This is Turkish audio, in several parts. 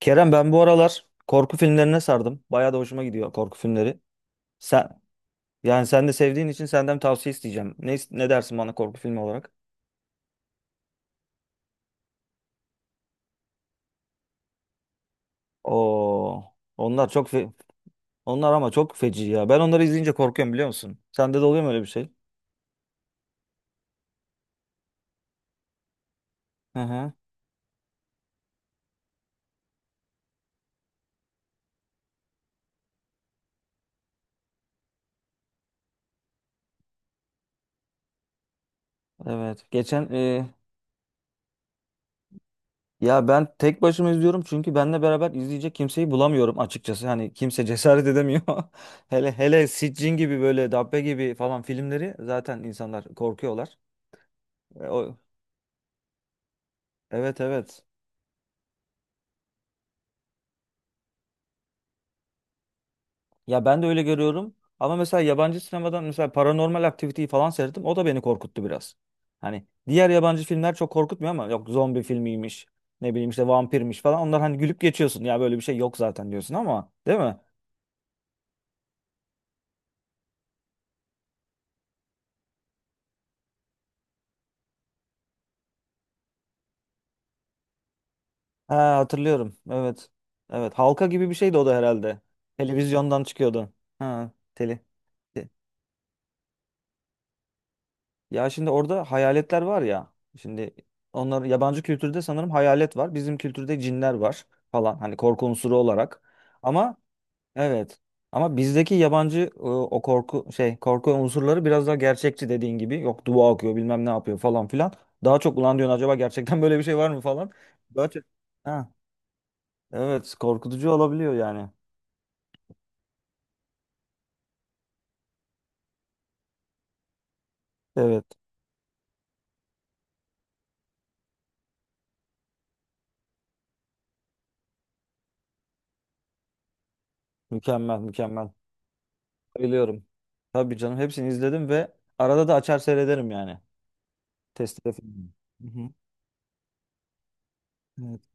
Kerem ben bu aralar korku filmlerine sardım. Bayağı da hoşuma gidiyor korku filmleri. Sen sen de sevdiğin için senden tavsiye isteyeceğim. Ne dersin bana korku filmi olarak? Oo, onlar çok fe- onlar ama çok feci ya. Ben onları izleyince korkuyorum biliyor musun? Sende de oluyor mu öyle bir şey? Hı hı. Evet. Ya ben tek başıma izliyorum çünkü benle beraber izleyecek kimseyi bulamıyorum açıkçası. Hani kimse cesaret edemiyor. Hele hele Siccin gibi böyle Dabbe gibi falan filmleri zaten insanlar korkuyorlar. E, o, evet evet. Ya ben de öyle görüyorum. Ama mesela yabancı sinemadan mesela Paranormal Activity'yi falan seyrettim. O da beni korkuttu biraz. Hani diğer yabancı filmler çok korkutmuyor ama yok zombi filmiymiş, ne bileyim işte vampirmiş falan. Onlar hani gülüp geçiyorsun. Ya böyle bir şey yok zaten diyorsun ama değil mi? Ha, hatırlıyorum. Evet. Evet. Halka gibi bir şeydi o da herhalde. Televizyondan çıkıyordu. Ha. te- Ya şimdi orada hayaletler var ya. Şimdi onlar yabancı kültürde sanırım hayalet var. Bizim kültürde cinler var falan. Hani korku unsuru olarak. Ama Evet. Ama bizdeki yabancı o korku şey korku unsurları biraz daha gerçekçi dediğin gibi. Yok dua okuyor bilmem ne yapıyor falan filan. Daha çok ulan diyorsun acaba gerçekten böyle bir şey var mı falan. Daha çok... Ha, evet korkutucu olabiliyor yani. Evet. Mükemmel mükemmel. Biliyorum. Tabii canım hepsini izledim ve arada da açar seyrederim yani. Test filmi. Hı hı. Evet.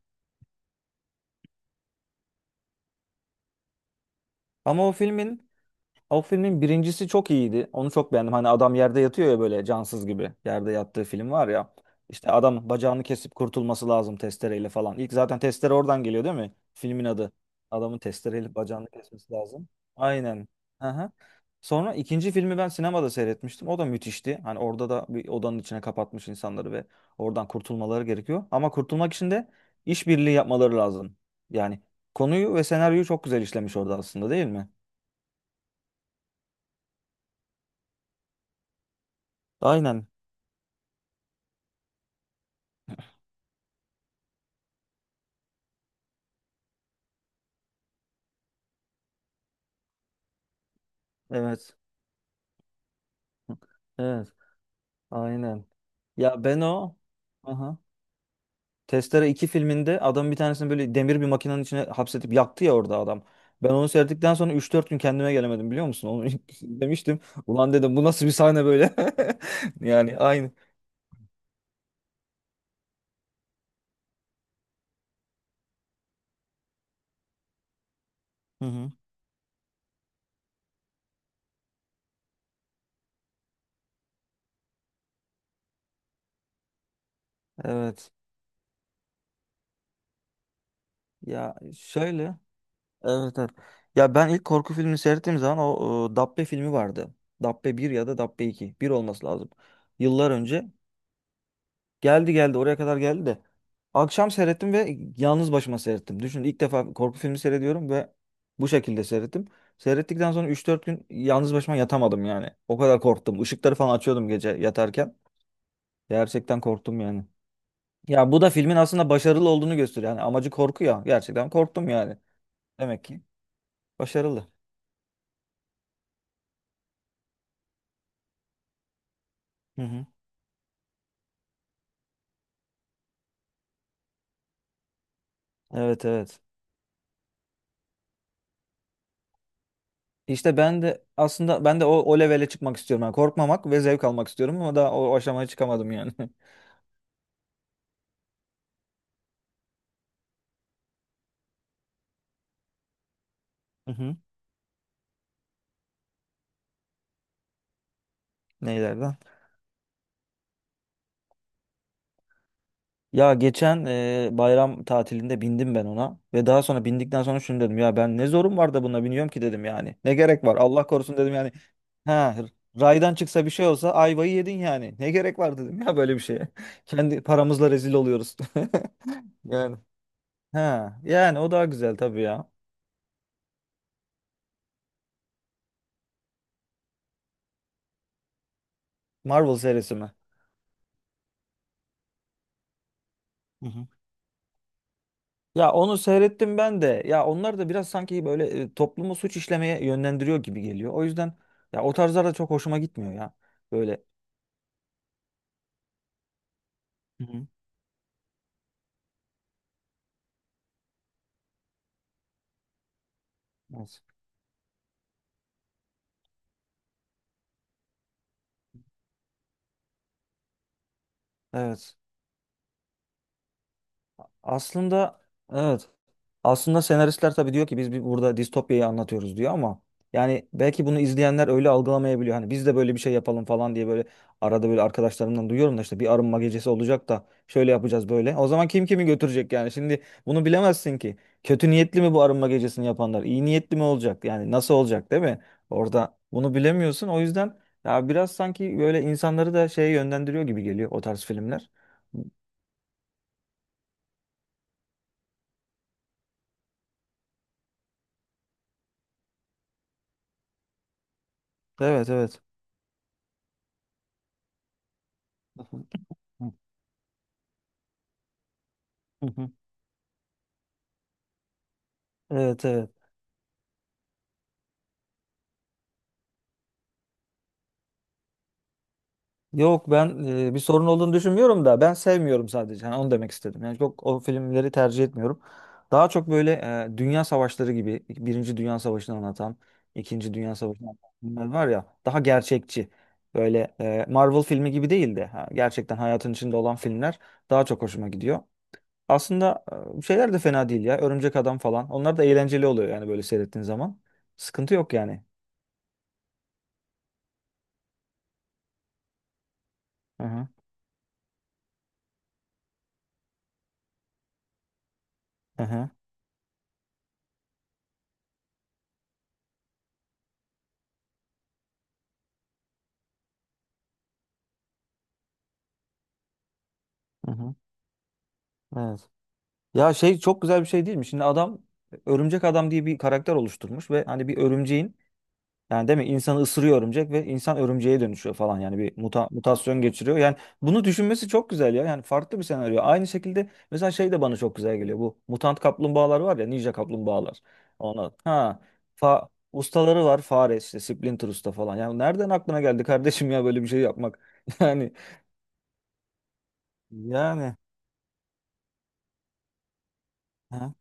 Ama o filmin O filmin birincisi çok iyiydi. Onu çok beğendim. Hani adam yerde yatıyor ya böyle cansız gibi. Yerde yattığı film var ya. İşte adam bacağını kesip kurtulması lazım testereyle falan. İlk zaten testere oradan geliyor değil mi? Filmin adı. Adamın testereyle bacağını kesmesi lazım. Aynen. Aha. Sonra ikinci filmi ben sinemada seyretmiştim. O da müthişti. Hani orada da bir odanın içine kapatmış insanları ve oradan kurtulmaları gerekiyor. Ama kurtulmak için de işbirliği yapmaları lazım. Yani konuyu ve senaryoyu çok güzel işlemiş orada aslında değil mi? Aynen. Evet. Evet. Aynen. Ya ben o Aha. Testere iki filminde adam bir tanesini böyle demir bir makinenin içine hapsetip yaktı ya orada adam. Ben onu seyrettikten sonra üç dört gün kendime gelemedim biliyor musun? Onu demiştim. Ulan dedim bu nasıl bir sahne böyle? Yani aynı. Hı hı. Evet. Ya şöyle. Evet evet. Ya ben ilk korku filmini seyrettiğim zaman o Dabbe filmi vardı. Dabbe bir ya da Dabbe iki bir olması lazım. Yıllar önce. Geldi geldi oraya kadar geldi de. Akşam seyrettim ve yalnız başıma seyrettim. Düşün ilk defa korku filmi seyrediyorum ve bu şekilde seyrettim. Seyrettikten sonra üç dört gün yalnız başıma yatamadım yani. O kadar korktum. Işıkları falan açıyordum gece yatarken. Gerçekten korktum yani. Ya bu da filmin aslında başarılı olduğunu gösteriyor. Yani amacı korku ya. Gerçekten korktum yani. Demek ki başarılı. Hı hı. Evet evet. İşte ben de aslında ben de o levele çıkmak istiyorum. Yani korkmamak ve zevk almak istiyorum ama daha o aşamaya çıkamadım yani. Hı hı. Neylerden? Bayram tatilinde bindim ben ona ve daha sonra bindikten sonra şunu dedim ya ben ne zorum var da buna biniyorum ki dedim yani. Ne gerek var Allah korusun dedim yani. Ha raydan çıksa bir şey olsa ayvayı yedin yani. Ne gerek var dedim ya böyle bir şeye. Kendi paramızla rezil oluyoruz. Yani. Ha yani o daha güzel tabii ya. Marvel serisi mi? Hı hı. Ya onu seyrettim ben de. Ya onlar da biraz sanki böyle toplumu suç işlemeye yönlendiriyor gibi geliyor. O yüzden ya o tarzlar da çok hoşuma gitmiyor ya. Böyle. Evet. Evet. Aslında evet. Aslında senaristler tabii diyor ki biz bir burada distopyayı anlatıyoruz diyor ama yani belki bunu izleyenler öyle algılamayabiliyor. Hani biz de böyle bir şey yapalım falan diye böyle arada böyle arkadaşlarımdan duyuyorum da işte bir arınma gecesi olacak da şöyle yapacağız böyle. O zaman kim kimi götürecek yani? Şimdi bunu bilemezsin ki. Kötü niyetli mi bu arınma gecesini yapanlar? İyi niyetli mi olacak? Yani nasıl olacak değil mi? Orada bunu bilemiyorsun. O yüzden ya biraz sanki böyle insanları da şeye yönlendiriyor gibi geliyor o tarz filmler. Evet evet. Hı hı. Evet evet. Yok ben bir sorun olduğunu düşünmüyorum da ben sevmiyorum sadece. Yani onu demek istedim. Yani çok o filmleri tercih etmiyorum. Daha çok böyle dünya savaşları gibi Birinci Dünya Savaşı'nı anlatan, İkinci Dünya Savaşı'nı anlatan filmler var ya daha gerçekçi. Böyle Marvel filmi gibi değil de ha, gerçekten hayatın içinde olan filmler daha çok hoşuma gidiyor. Aslında şeyler de fena değil ya. Örümcek Adam falan. Onlar da eğlenceli oluyor yani böyle seyrettiğin zaman. Sıkıntı yok yani. Hı hı. Hı hı. Hı hı. Evet. Ya şey çok güzel bir şey değil mi? Şimdi adam örümcek adam diye bir karakter oluşturmuş ve hani bir örümceğin yani değil mi insanı ısırıyor örümcek ve insan örümceğe dönüşüyor falan yani bir mutasyon geçiriyor. Yani bunu düşünmesi çok güzel ya. Yani farklı bir senaryo. Aynı şekilde mesela şey de bana çok güzel geliyor. Bu mutant kaplumbağalar var ya ninja kaplumbağalar. Ona ha fa ustaları var fare işte Splinter Usta falan. Yani nereden aklına geldi kardeşim ya böyle bir şey yapmak? Yani yani ha,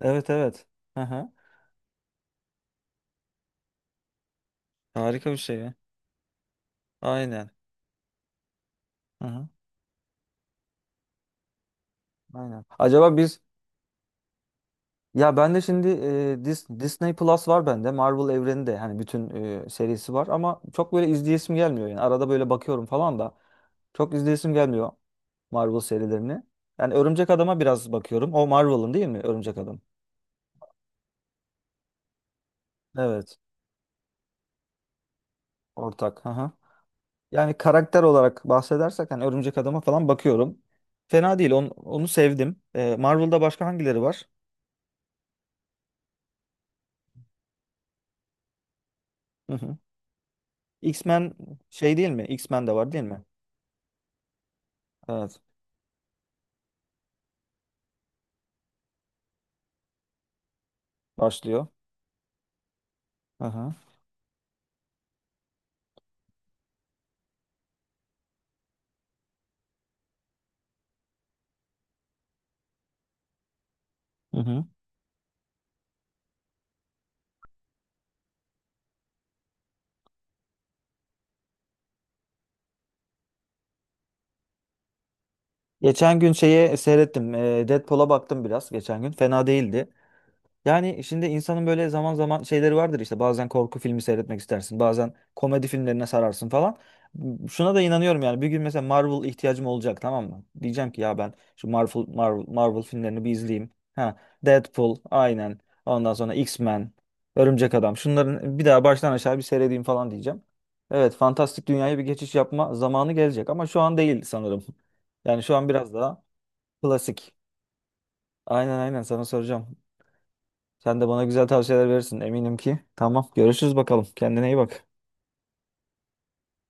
evet evet. Hı hı. Harika bir şey ya. Aynen. Hı hı. Aynen. Acaba biz ya ben de şimdi Disney Plus var bende. Marvel evreni de hani bütün serisi var ama çok böyle izleyesim gelmiyor yani. Arada böyle bakıyorum falan da çok izleyesim gelmiyor Marvel serilerini. Yani Örümcek Adam'a biraz bakıyorum. O Marvel'ın değil mi Örümcek Adam? Evet. Ortak. Hı hı. Yani karakter olarak bahsedersek hani Örümcek Adam'a falan bakıyorum. Fena değil. Onu, onu sevdim. Marvel'da başka hangileri var? Hı hı. X-Men şey değil mi? X-Men de var değil mi? Evet. Başlıyor. Hı hı. Hı hı. Geçen gün şeye seyrettim. Deadpool'a baktım biraz geçen gün. Fena değildi. Yani şimdi insanın böyle zaman zaman şeyleri vardır işte bazen korku filmi seyretmek istersin bazen komedi filmlerine sararsın falan. Şuna da inanıyorum yani bir gün mesela Marvel ihtiyacım olacak tamam mı? Diyeceğim ki ya ben şu Marvel, Marvel, Marvel filmlerini bir izleyeyim. Ha, Deadpool aynen ondan sonra X-Men, Örümcek Adam şunların bir daha baştan aşağı bir seyredeyim falan diyeceğim. Evet fantastik dünyaya bir geçiş yapma zamanı gelecek ama şu an değil sanırım. Yani şu an biraz daha klasik. Aynen aynen sana soracağım. Sen de bana güzel tavsiyeler verirsin eminim ki. Tamam görüşürüz bakalım. Kendine iyi bak.